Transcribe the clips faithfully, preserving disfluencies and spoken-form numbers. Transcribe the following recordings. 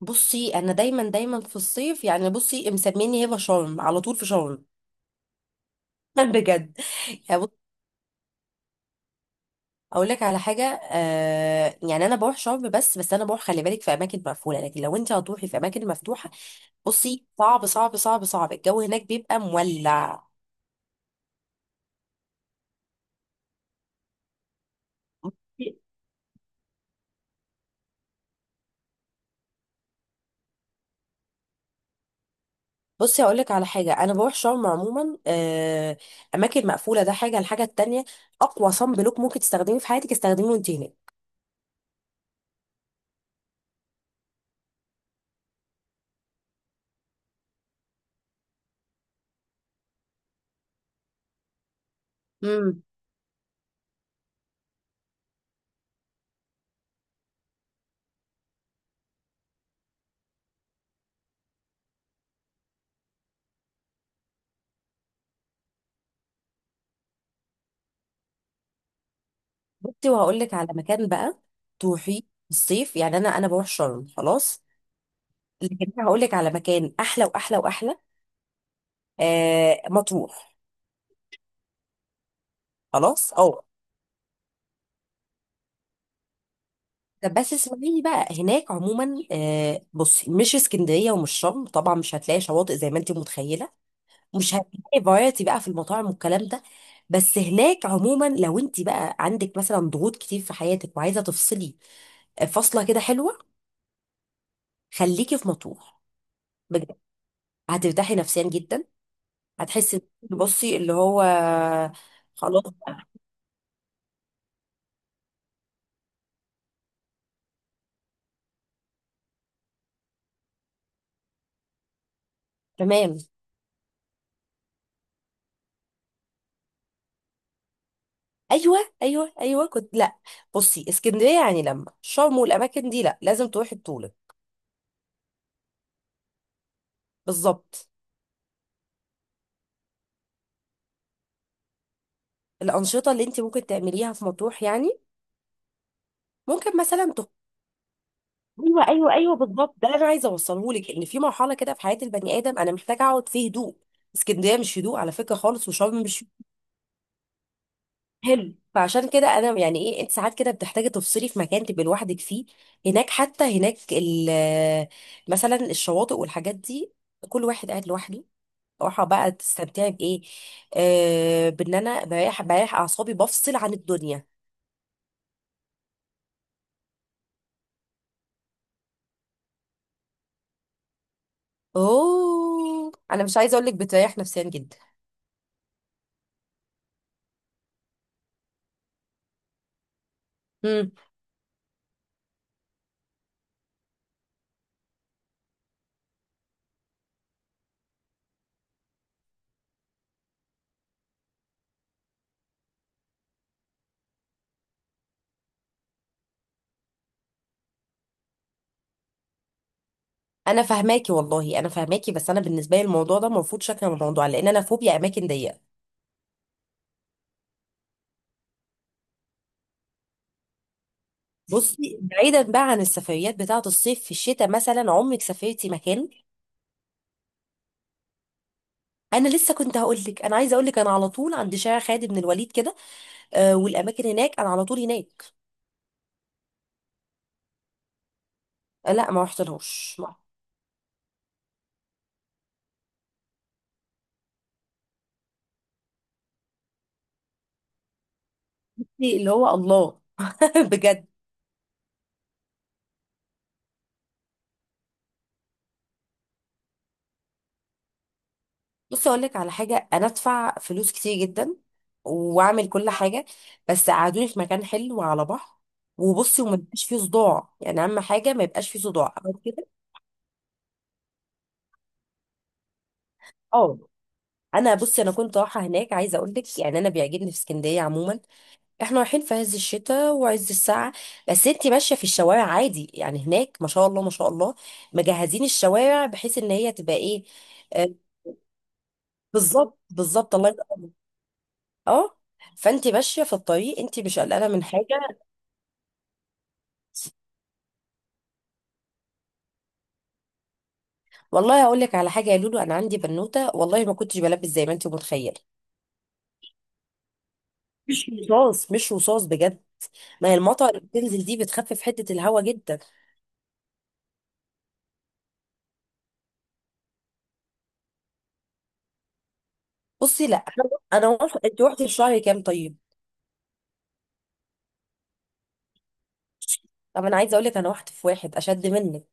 بصي، انا دايما دايما في الصيف. يعني بصي، مسميني هبه شرم على طول في شرم. بجد. يعني بص، اقول لك على حاجه آه يعني انا بروح شرم، بس بس انا بروح خلي بالك في اماكن مقفوله، لكن لو انت هتروحي في اماكن مفتوحه، بصي صعب صعب صعب صعب، الجو هناك بيبقى مولع. بصي هقول لك على حاجه، انا بروح شرم عموما. آه اماكن مقفوله، ده حاجه. الحاجه التانيه، اقوى صن بلوك ممكن تستخدميه في حياتك استخدميه وانت هناك. بصي وهقول لك على مكان بقى تروحي الصيف. يعني انا انا بروح شرم خلاص، لكن أنا هقول لك على مكان احلى واحلى واحلى. آه مطروح. خلاص اه. طب بس اسمعيني بقى، هناك عموما آه بصي مش اسكندريه ومش شرم، طبعا مش هتلاقي شواطئ زي ما انت متخيله، مش هتلاقي فرايتي بقى في المطاعم والكلام ده. بس هناك عموما لو انت بقى عندك مثلا ضغوط كتير في حياتك وعايزه تفصلي، فصله كده حلوه. خليكي في مطروح، بجد. هترتاحي نفسيا جدا. هتحسي إن- بصي اللي هو خلاص. تمام. ايوه ايوه ايوه كنت، لا بصي اسكندريه يعني لما شرم والاماكن دي، لا لازم تروحي بطوله. بالظبط. الانشطه اللي انت ممكن تعمليها في مطروح يعني ممكن مثلا تخ... ايوه ايوه ايوه، بالظبط. ده اللي انا عايزه اوصله لك، ان في مرحله كده في حياه البني ادم انا محتاجه اقعد فيه هدوء. اسكندريه مش هدوء على فكره خالص، وشرم مش. حلو، فعشان كده انا يعني ايه، انت ساعات كده بتحتاجي تفصلي في مكان تبقي لوحدك فيه. هناك حتى هناك ال- مثلا الشواطئ والحاجات دي، كل واحد قاعد لوحده. راحة بقى. تستمتعي بايه؟ آه بان انا بريح بريح اعصابي، بفصل عن الدنيا. اوه، انا مش عايزه اقول لك، بتريح نفسيا جدا. امم. انا فاهماكي والله انا فاهماكي، بس انا بالنسبه لي الموضوع ده مرفوض، شكل من الموضوع، لان انا فوبيا اماكن ضيقه. بصي بعيدا بقى عن السفريات بتاعه الصيف، في الشتاء مثلا عمرك سافرتي مكان؟ انا لسه كنت هقول لك، انا عايزه اقول لك انا على طول عند شارع خالد بن الوليد كده. آه والاماكن هناك، انا على طول هناك. آه لا، ما رحتلهاش ما إيه اللي هو الله. بجد. بص اقول لك على حاجه، انا ادفع فلوس كتير جدا واعمل كل حاجه، بس قعدوني في مكان حلو على بحر. وبصي، وما يبقاش فيه صداع، يعني اهم حاجه ما يبقاش فيه صداع أو كده. اه. انا بصي انا كنت رايحه هناك، عايزه اقول لك يعني انا بيعجبني في اسكندريه عموما، احنا رايحين في عز الشتاء وعز الساعة، بس انتي ماشية في الشوارع عادي. يعني هناك ما شاء الله ما شاء الله، مجهزين الشوارع بحيث ان هي تبقى ايه. آه. بالظبط بالظبط، الله يبارك. اه. فانتي ماشية في الطريق انتي مش قلقانة من حاجة. والله هقول لك على حاجة يا لولو، انا عندي بنوتة والله ما كنتش بلبس زي ما انتي متخيلة. مش رصاص مش رصاص بجد. ما هي المطر اللي بتنزل دي بتخفف حدة الهوا جدا. بصي لا، انا انا رحت- انت رحتي في شهر كام طيب؟ طب انا عايزه اقول لك، انا رحت في واحد اشد منك.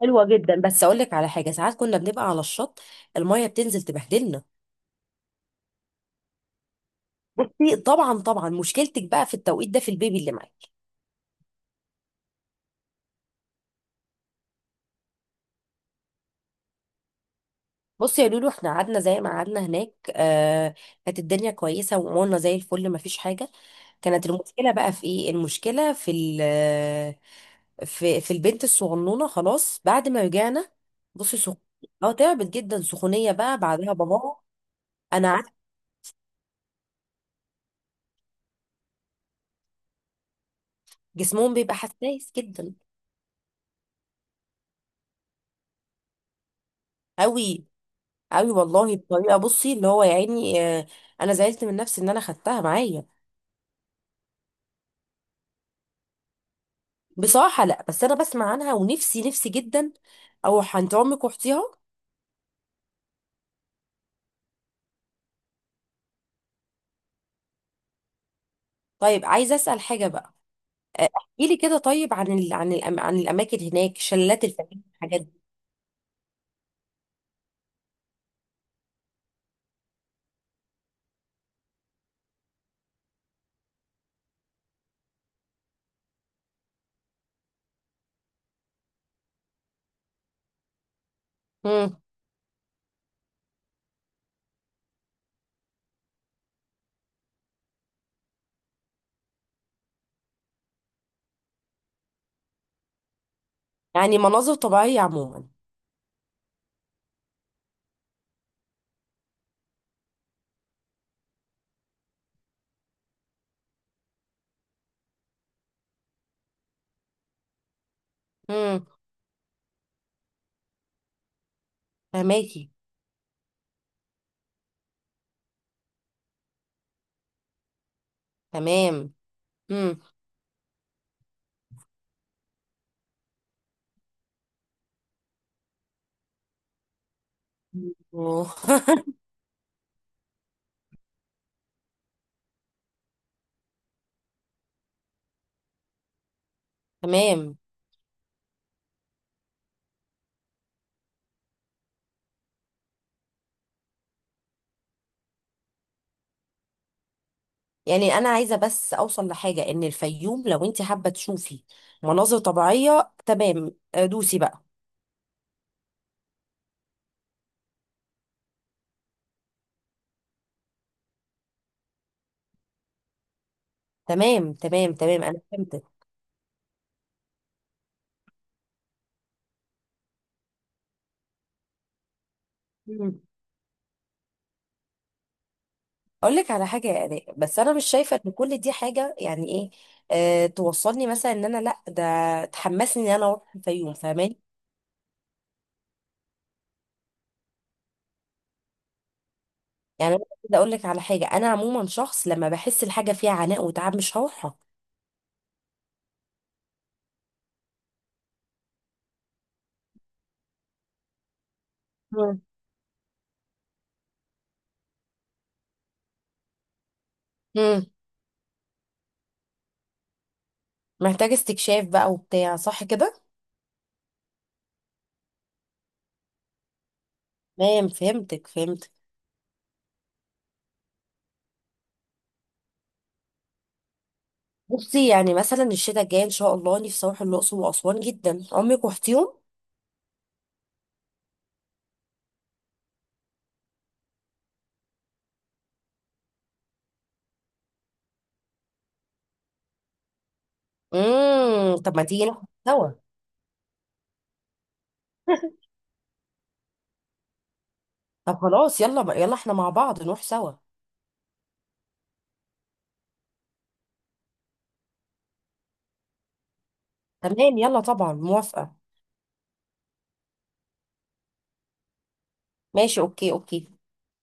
حلوه جدا، بس اقول لك على حاجه، ساعات كنا بنبقى على الشط، الميه بتنزل تبهدلنا. بصي طبعا طبعا، مشكلتك بقى في التوقيت ده في البيبي اللي معاك. بصي يا لولو، احنا قعدنا زي ما قعدنا هناك آه كانت الدنيا كويسه وامورنا زي الفل، ما فيش حاجه. كانت المشكله بقى في ايه؟ المشكله في ال- في في البنت الصغنونه. خلاص، بعد ما رجعنا بصي سخ... اه تعبت جدا، سخونيه بقى بعدها بابا. انا عارفه، جسمهم بيبقى حساس جدا. قوي قوي والله، بطريقه بصي اللي هو يعني آه، انا زعلت من نفسي ان انا خدتها معايا. بصراحه لا، بس انا بسمع عنها ونفسي نفسي جدا اروح عند عمك واختيها. طيب، عايزه اسال حاجه بقى. احكيلي كده طيب، عن ال عن الأم، عن الاماكن هناك، شلالات الفنادق الحاجات دي. مم. يعني مناظر طبيعيه عموما. امم. فهماكي. تمام. امم. تمام. يعني انا عايزه بس اوصل لحاجه، ان الفيوم لو انت حابه تشوفي مناظر طبيعيه تمام، آه، دوسي بقى. تمام تمام تمام، انا فهمتك. مم. اقول لك على حاجه يا اراء، بس انا مش شايفه ان كل دي حاجه يعني ايه آه توصلني، مثلا ان انا لا ده تحمسني ان انا اروح الفيوم، فاهماني. يعني انا كده اقول لك على حاجه، انا عموما شخص لما بحس الحاجه فيها عناء وتعب مش هروحها. مم. امم. محتاج استكشاف بقى وبتاع، صح كده. تمام فهمتك فهمتك. بصي يعني مثلا الشتاء الجاي ان شاء الله، نفسي اروح الاقصر واسوان جدا، عمرك رحتيهم؟ امم. طب ما تيجي نروح سوا؟ طب خلاص، يلا بقى، يلا احنا مع بعض نروح سوا. تمام، يلا طبعا موافقة. ماشي، اوكي اوكي.